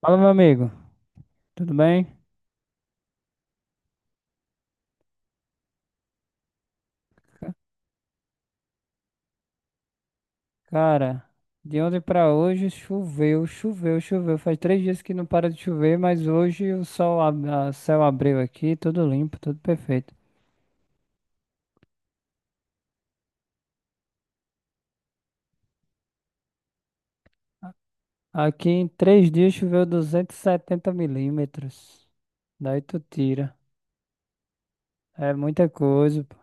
Fala, meu amigo, tudo bem? Cara, de ontem pra hoje choveu, choveu, choveu. Faz três dias que não para de chover, mas hoje o sol, céu abriu aqui, tudo limpo, tudo perfeito. Aqui em três dias choveu 270 milímetros. Daí tu tira. É muita coisa, pô.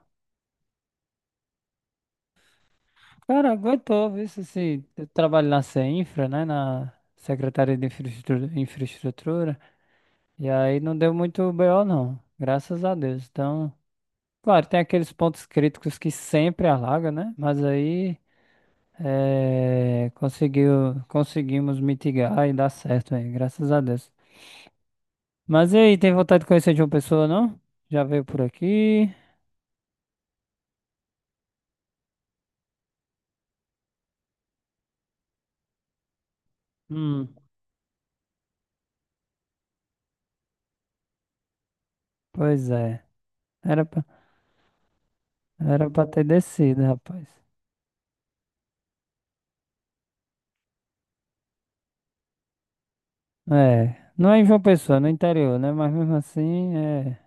Cara, aguentou, viu? Se, eu trabalho na CEINFRA, né? Na Secretaria de Infraestrutura, Infraestrutura. E aí não deu muito BO, não, graças a Deus. Então, claro, tem aqueles pontos críticos que sempre alaga, né? Mas aí conseguimos mitigar e dar certo aí, graças a Deus. Mas e aí, tem vontade de conhecer de uma pessoa, não? Já veio por aqui? Hum, pois é. Era pra, era pra ter descido, rapaz. É, não é em João Pessoa, é no interior, né? Mas mesmo assim, é,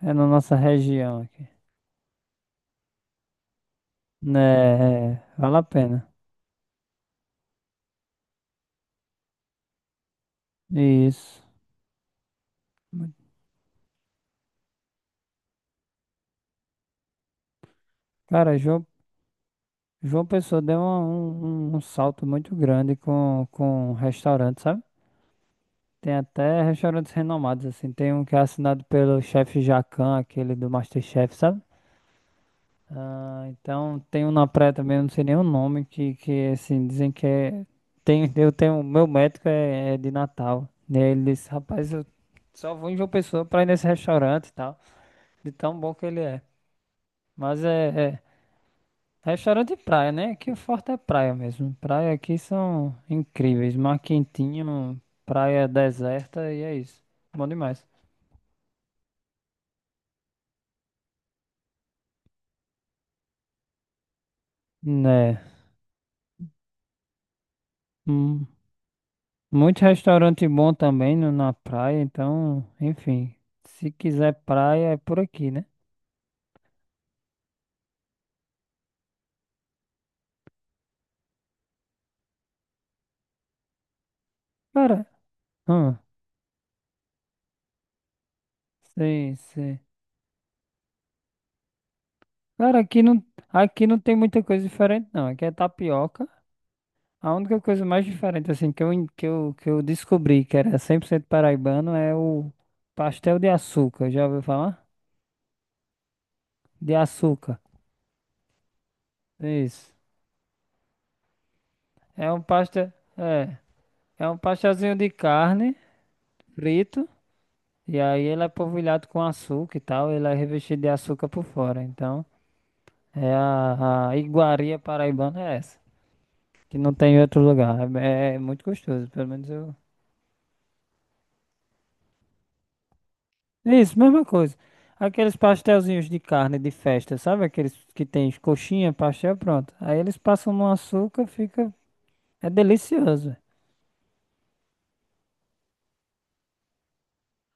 é na nossa região aqui. Né, é, vale a pena. Isso. Cara, João João Pessoa deu um salto muito grande com restaurante, sabe? Tem até restaurantes renomados, assim. Tem um que é assinado pelo chefe Jacan, aquele do MasterChef, sabe? Ah, então tem um na praia também, eu não sei nem o nome, que assim, dizem que é. Tem, eu tenho, meu médico é, é de Natal. E aí ele disse, rapaz, eu só vou em João Pessoa pra ir nesse restaurante e tal, de tão bom que ele é. Mas restaurante de praia, né? Aqui o forte é praia mesmo. Praia aqui são incríveis. Mar quentinho, praia deserta e é isso. Bom demais. Né? Hum, muito restaurante bom também na praia, então, enfim. Se quiser praia, é por aqui, né? Cara, hum, sim, sim. Cara, aqui não tem muita coisa diferente, não. Aqui é tapioca. A única coisa mais diferente, assim, que eu, en- que eu descobri que era 100% paraibano é o pastel de açúcar. Já ouviu falar? De açúcar. Isso. É um pastel. É. É um pastelzinho de carne frito. E aí ele é polvilhado com açúcar e tal. Ele é revestido de açúcar por fora. Então, é a iguaria paraibana é essa. Que não tem em outro lugar. É, é muito gostoso. Pelo menos eu. Isso, mesma coisa. Aqueles pastelzinhos de carne de festa, sabe? Aqueles que tem coxinha, pastel, pronto. Aí eles passam no açúcar, fica. É delicioso, velho.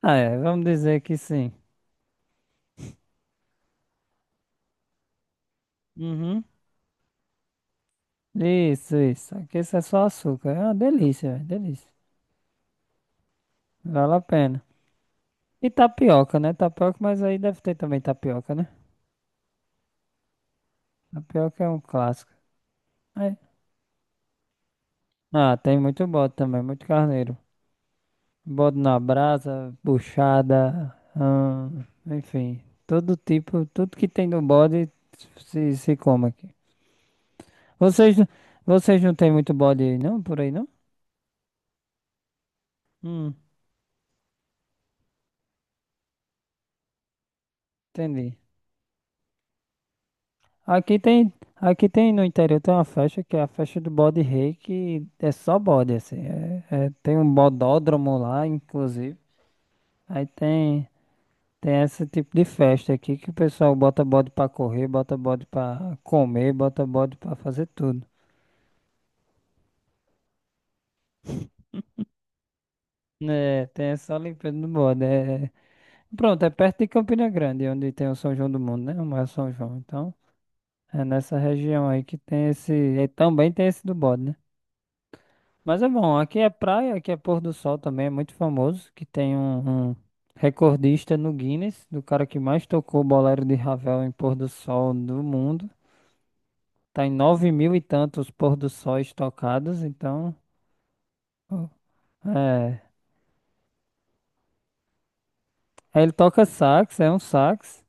Ah, é, vamos dizer que sim. Uhum. Isso, isso. Aqui isso é só açúcar. É uma delícia, velho, delícia. Vale a pena. E tapioca, né? Tapioca, mas aí deve ter também tapioca, né? Tapioca é um clássico. Aí- ah, tem muito bode também, muito carneiro. Bode na brasa, buchada, enfim, todo tipo, tudo que tem no bode se come aqui. Vocês, vocês não tem muito bode aí, não? Por aí não? Hum, entendi. Aqui tem, aqui tem, no interior tem uma festa que é a festa do bode rei, que é só bode, assim. Tem um bodódromo lá, inclusive. Aí tem, tem esse tipo de festa aqui que o pessoal bota bode pra correr, bota bode pra comer, bota bode pra fazer tudo. É, tem essa Olimpíada do Bode. Pronto, é perto de Campina Grande, onde tem o São João do Mundo, né? O maior São João. Então, é nessa região aí que tem esse. E também tem esse do Bode, né? Mas é bom, aqui é praia, aqui é pôr do sol também, é muito famoso, que tem um recordista no Guinness, do cara que mais tocou o bolero de Ravel em pôr do sol do mundo. Tá em nove mil e tantos pôr do sóis tocados, então. É. Aí ele toca sax, é um sax.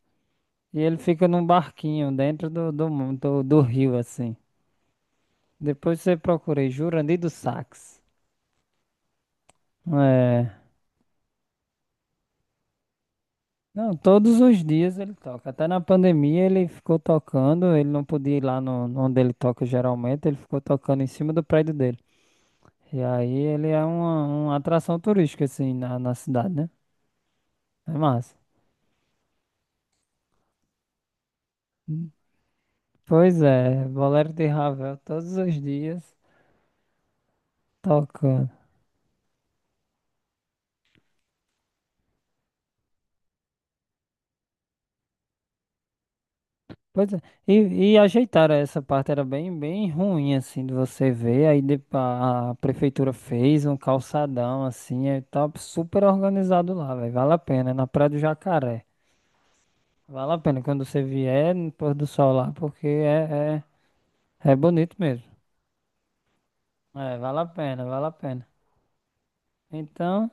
E ele fica num barquinho dentro do rio, assim. Depois você procurei Jurandir do Sax. É. Não, todos os dias ele toca. Até na pandemia ele ficou tocando. Ele não podia ir lá no, onde ele toca geralmente. Ele ficou tocando em cima do prédio dele. E aí ele é uma atração turística, assim, na cidade, né? É massa. Hum. Pois é, Bolero de Ravel todos os dias tocando. Pois é. E ajeitaram essa parte, era bem, bem ruim, assim, de você ver. A prefeitura fez um calçadão, assim, é, tá super organizado lá, velho. Vale a pena, é na Praia do Jacaré. Vale a pena quando você vier no pôr do sol lá, porque é, é bonito mesmo. É, vale a pena, vale a pena. Então,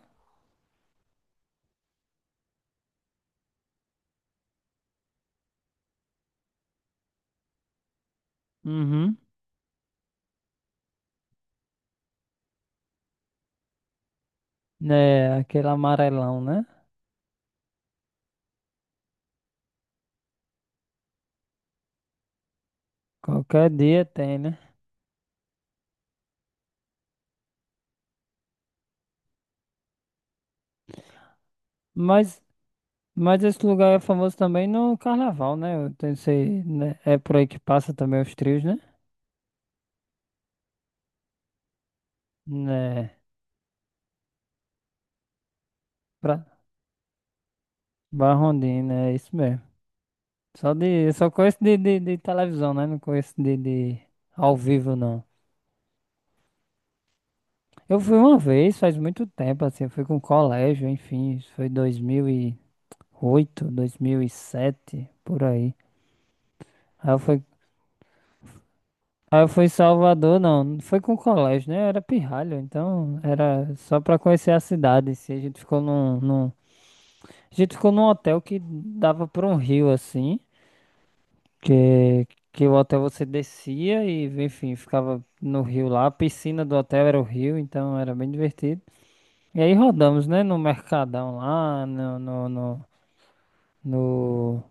uhum, né, aquele amarelão, né? Qualquer dia tem, né? Mas Mas esse lugar é famoso também no carnaval, né? Eu tenho- sei, né? É por aí que passa também os trios, né? Né? Pra... Barrondina, é isso mesmo. Eu só conheço de televisão, né? Não conheço de ao vivo, não. Eu fui uma vez, faz muito tempo, assim, eu fui com colégio, enfim, isso foi 2008, 2007, por aí. Aí eu fui, aí eu fui em Salvador, não, não foi com colégio, né? Eu era pirralho, então era só pra conhecer a cidade, se a gente ficou num. A gente ficou num hotel que dava para um rio assim, que, que o hotel você descia e, enfim, ficava no rio lá. A piscina do hotel era o rio, então era bem divertido. E aí rodamos, né, no Mercadão lá, no-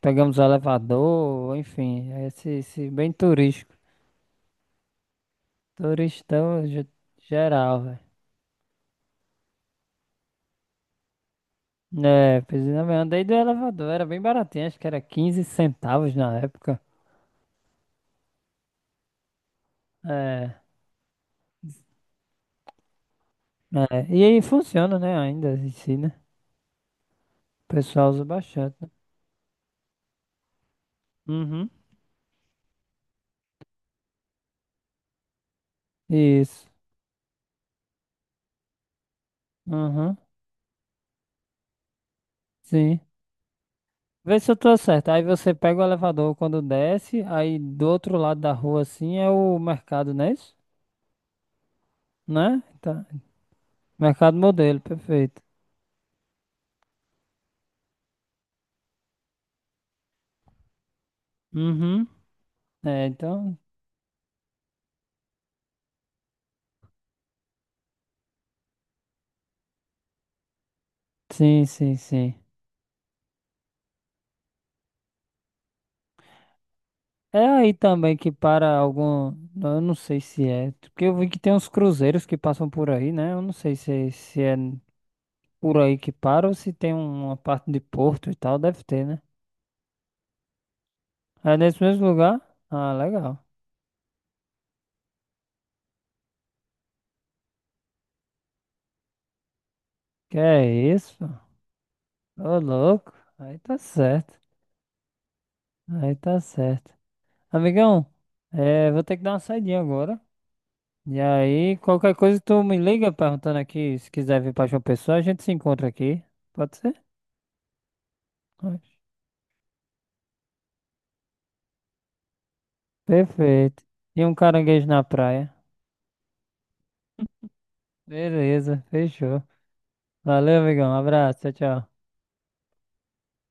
pegamos o elevador, enfim, esse bem turístico. Turistão ge- geral, velho. É, pois é, eu andei do elevador, era bem baratinho, acho que era 15 centavos na época. É. É, e aí funciona, né? Ainda em si, né? O pessoal usa bastante, né? Uhum. Isso. Uhum. Sim. Vê se eu tô certo. Aí você pega o elevador quando desce, aí do outro lado da rua, assim, é o mercado, não é isso? Né? Tá. Mercado modelo, perfeito. Uhum. É, então. Sim, sim, sim. É aí também que para algum. Eu não sei se é. Porque eu vi que tem uns cruzeiros que passam por aí, né? Eu não sei se é por aí que para ou se tem uma parte de Porto e tal, deve ter, né? É nesse mesmo lugar? Ah, legal. Que é isso? Pô? Ô, louco. Aí tá certo. Aí tá certo. Amigão, é, vou ter que dar uma saidinha agora. E aí, qualquer coisa tu me liga perguntando aqui, se quiser vir pra João Pessoa, a gente se encontra aqui. Pode ser? Oxe. Perfeito. E um caranguejo na praia. Beleza, fechou. Valeu, amigão. Um abraço, tchau, tchau.